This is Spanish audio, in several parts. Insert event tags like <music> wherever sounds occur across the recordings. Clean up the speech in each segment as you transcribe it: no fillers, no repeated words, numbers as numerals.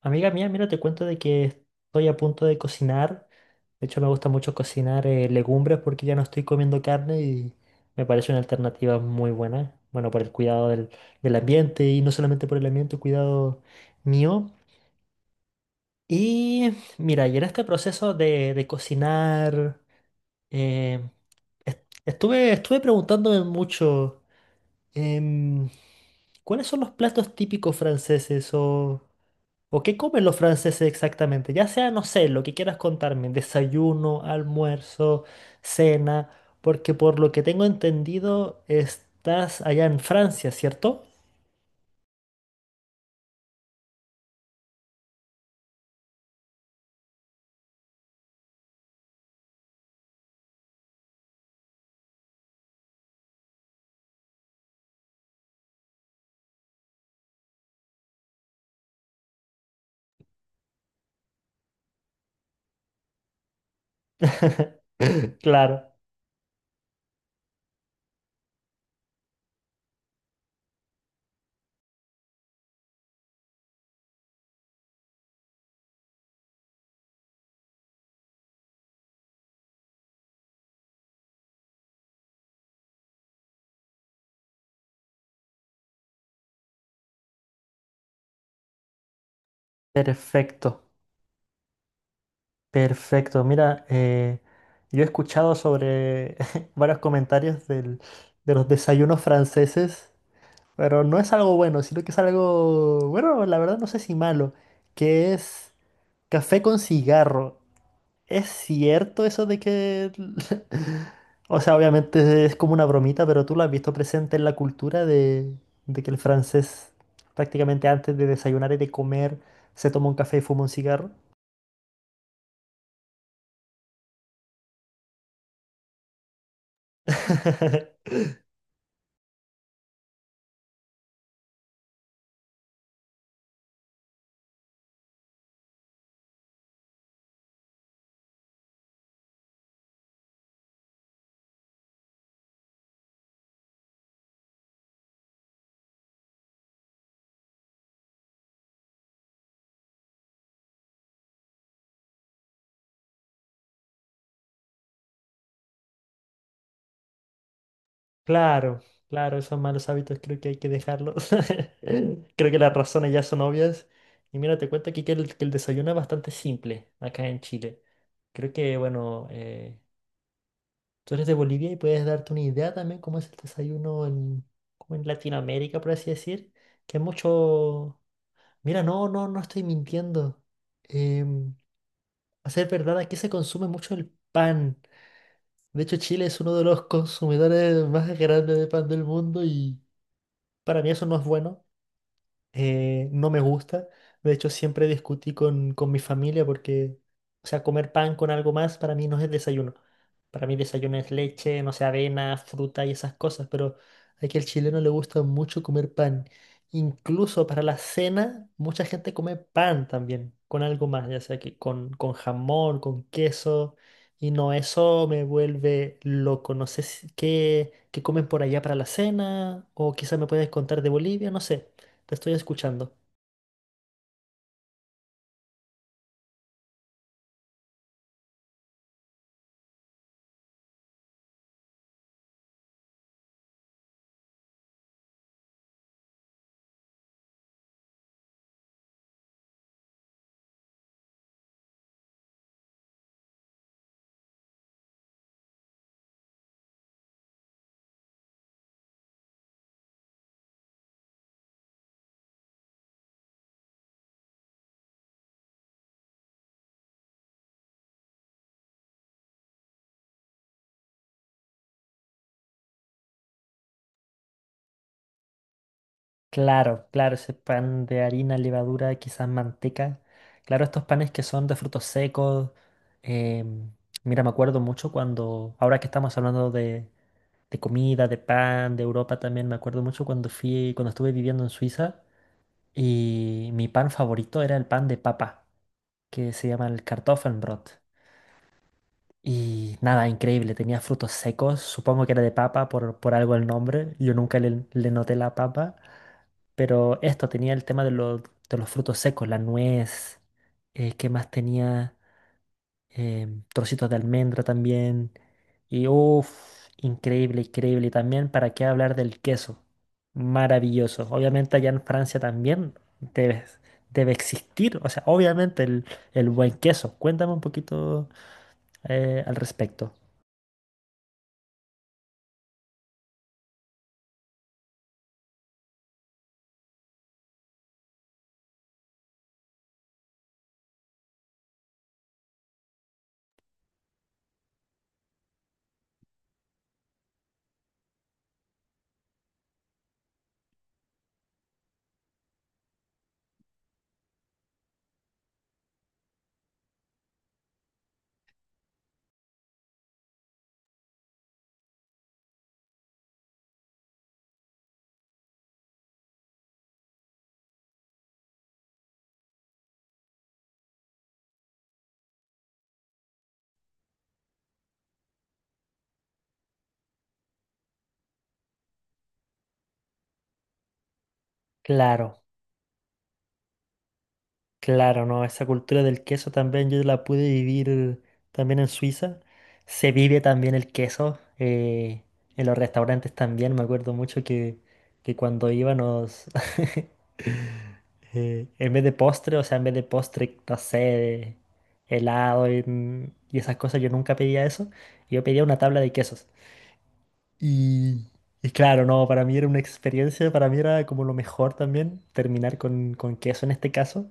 Amiga mía, mira, te cuento de que estoy a punto de cocinar. De hecho, me gusta mucho cocinar legumbres porque ya no estoy comiendo carne y me parece una alternativa muy buena. Bueno, por el cuidado del ambiente y no solamente por el ambiente, el cuidado mío. Y mira, y en este proceso de cocinar, eh, estuve preguntándome mucho. Em, ¿Cuáles son los platos típicos franceses o qué comen los franceses exactamente? Ya sea, no sé, lo que quieras contarme, desayuno, almuerzo, cena, porque por lo que tengo entendido estás allá en Francia, ¿cierto? <laughs> Claro. Perfecto, perfecto. Mira, yo he escuchado sobre <laughs> varios comentarios de los desayunos franceses. Pero no es algo bueno, sino que es algo, bueno, la verdad no sé si malo, que es café con cigarro. ¿Es cierto eso de que... <laughs> O sea, obviamente es como una bromita, pero tú lo has visto presente en la cultura de que el francés prácticamente antes de desayunar y de comer se toma un café y fuma un cigarro? <laughs> Claro, claro, esos malos hábitos creo que hay que dejarlos. <laughs> Creo que las razones ya son obvias. Y mira, te cuento aquí que que el desayuno es bastante simple acá en Chile. Creo que, bueno, tú eres de Bolivia y puedes darte una idea también cómo es el desayuno como en Latinoamérica, por así decir. Que es mucho... Mira, no, no, no estoy mintiendo. Em, a ser verdad, aquí se consume mucho el pan. De hecho, Chile es uno de los consumidores más grandes de pan del mundo. Y para mí eso no es bueno, no me gusta. De hecho, siempre discutí con mi familia porque, o sea, comer pan con algo más para mí no es desayuno. Para mí desayuno es leche, no sé, avena, fruta y esas cosas, pero aquí al chileno le gusta mucho comer pan. Incluso para la cena, mucha gente come pan también, con algo más, ya sea que con jamón, con queso, y no, eso me vuelve loco. No sé qué, qué comen por allá para la cena, o quizás me puedes contar de Bolivia, no sé. Te estoy escuchando. Claro, claro, ese pan de harina, levadura, quizás manteca. Claro, estos panes que son de frutos secos. em, mira, me acuerdo mucho cuando, ahora que estamos hablando de comida, de pan, de Europa también, me acuerdo mucho cuando fui, cuando estuve viviendo en Suiza y mi pan favorito era el pan de papa, que se llama el Kartoffelbrot. Y nada, increíble, tenía frutos secos, supongo que era de papa por algo el nombre, yo nunca le noté la papa. Pero esto tenía el tema de los frutos secos, la nuez, ¿qué más tenía? Trocitos de almendra también. Y uff, increíble, increíble. Y también, ¿para qué hablar del queso? Maravilloso. Obviamente allá en Francia también debe, debe existir. O sea, obviamente el buen queso. Cuéntame un poquito al respecto. Claro. Claro, no, esa cultura del queso también yo la pude vivir también en Suiza. Se vive también el queso, en los restaurantes también. Me acuerdo mucho que cuando íbamos, <laughs> en vez de postre, o sea, en vez de postre, no sé, de helado y esas cosas, yo nunca pedía eso. Yo pedía una tabla de quesos. Y, y claro, no, para mí era una experiencia, para mí era como lo mejor también terminar con queso en este caso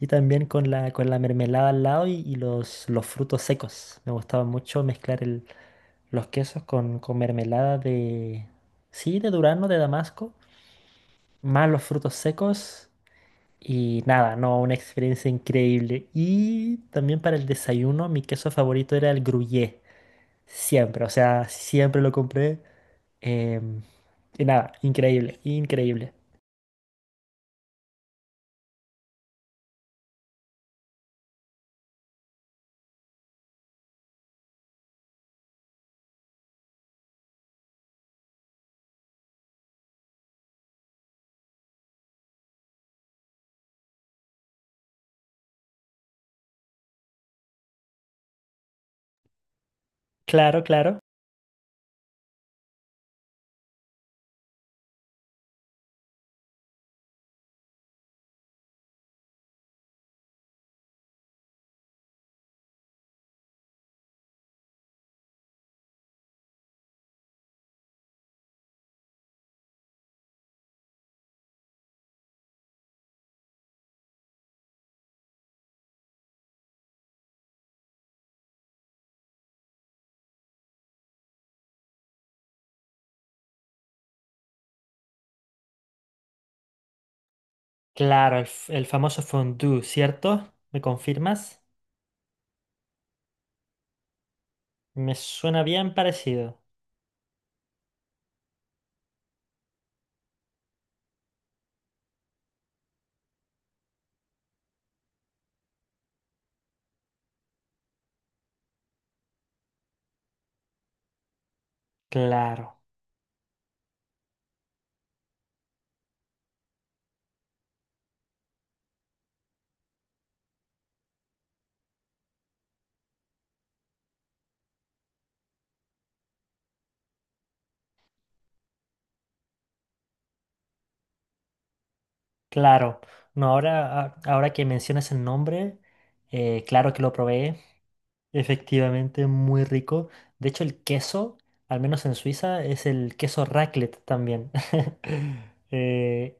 y también con con la mermelada al lado y los frutos secos. Me gustaba mucho mezclar los quesos con mermelada de, sí, de durazno, de damasco, más los frutos secos y nada, no, una experiencia increíble. Y también para el desayuno, mi queso favorito era el gruyère, siempre, o sea, siempre lo compré. Em, y nada, increíble, increíble. Claro, claro. Claro, el, el famoso fondue, ¿cierto? ¿Me confirmas? Me suena bien parecido. Claro, claro. No, ahora, ahora que mencionas el nombre, claro que lo probé. Efectivamente, muy rico. De hecho, el queso, al menos en Suiza, es el queso raclette también. <laughs> Eh,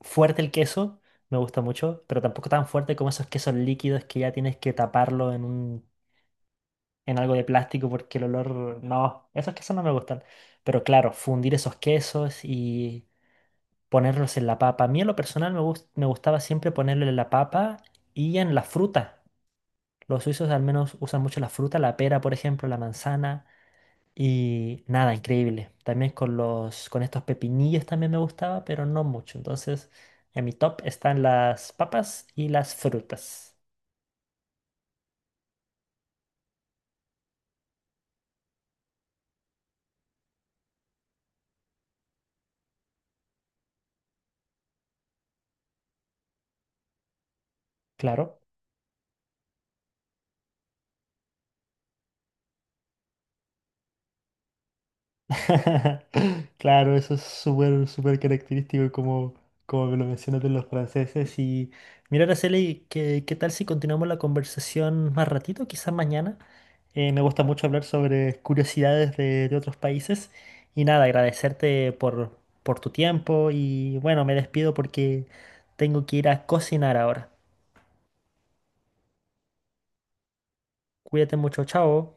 fuerte el queso, me gusta mucho, pero tampoco tan fuerte como esos quesos líquidos que ya tienes que taparlo en un, en algo de plástico porque el olor, no, esos quesos no me gustan. Pero claro, fundir esos quesos y ponerlos en la papa. A mí en lo personal me gustaba siempre ponerlo en la papa y en la fruta. Los suizos al menos usan mucho la fruta, la pera, por ejemplo, la manzana y nada, increíble. También con con estos pepinillos también me gustaba, pero no mucho. Entonces, en mi top están las papas y las frutas. Claro. <laughs> Claro, eso es súper, súper característico como, como me lo mencionas de los franceses. Y mira, Araceli, ¿qué, qué tal si continuamos la conversación más ratito, quizás mañana? Me gusta mucho hablar sobre curiosidades de otros países. Y nada, agradecerte por tu tiempo. Y bueno, me despido porque tengo que ir a cocinar ahora. Cuídate mucho, chao.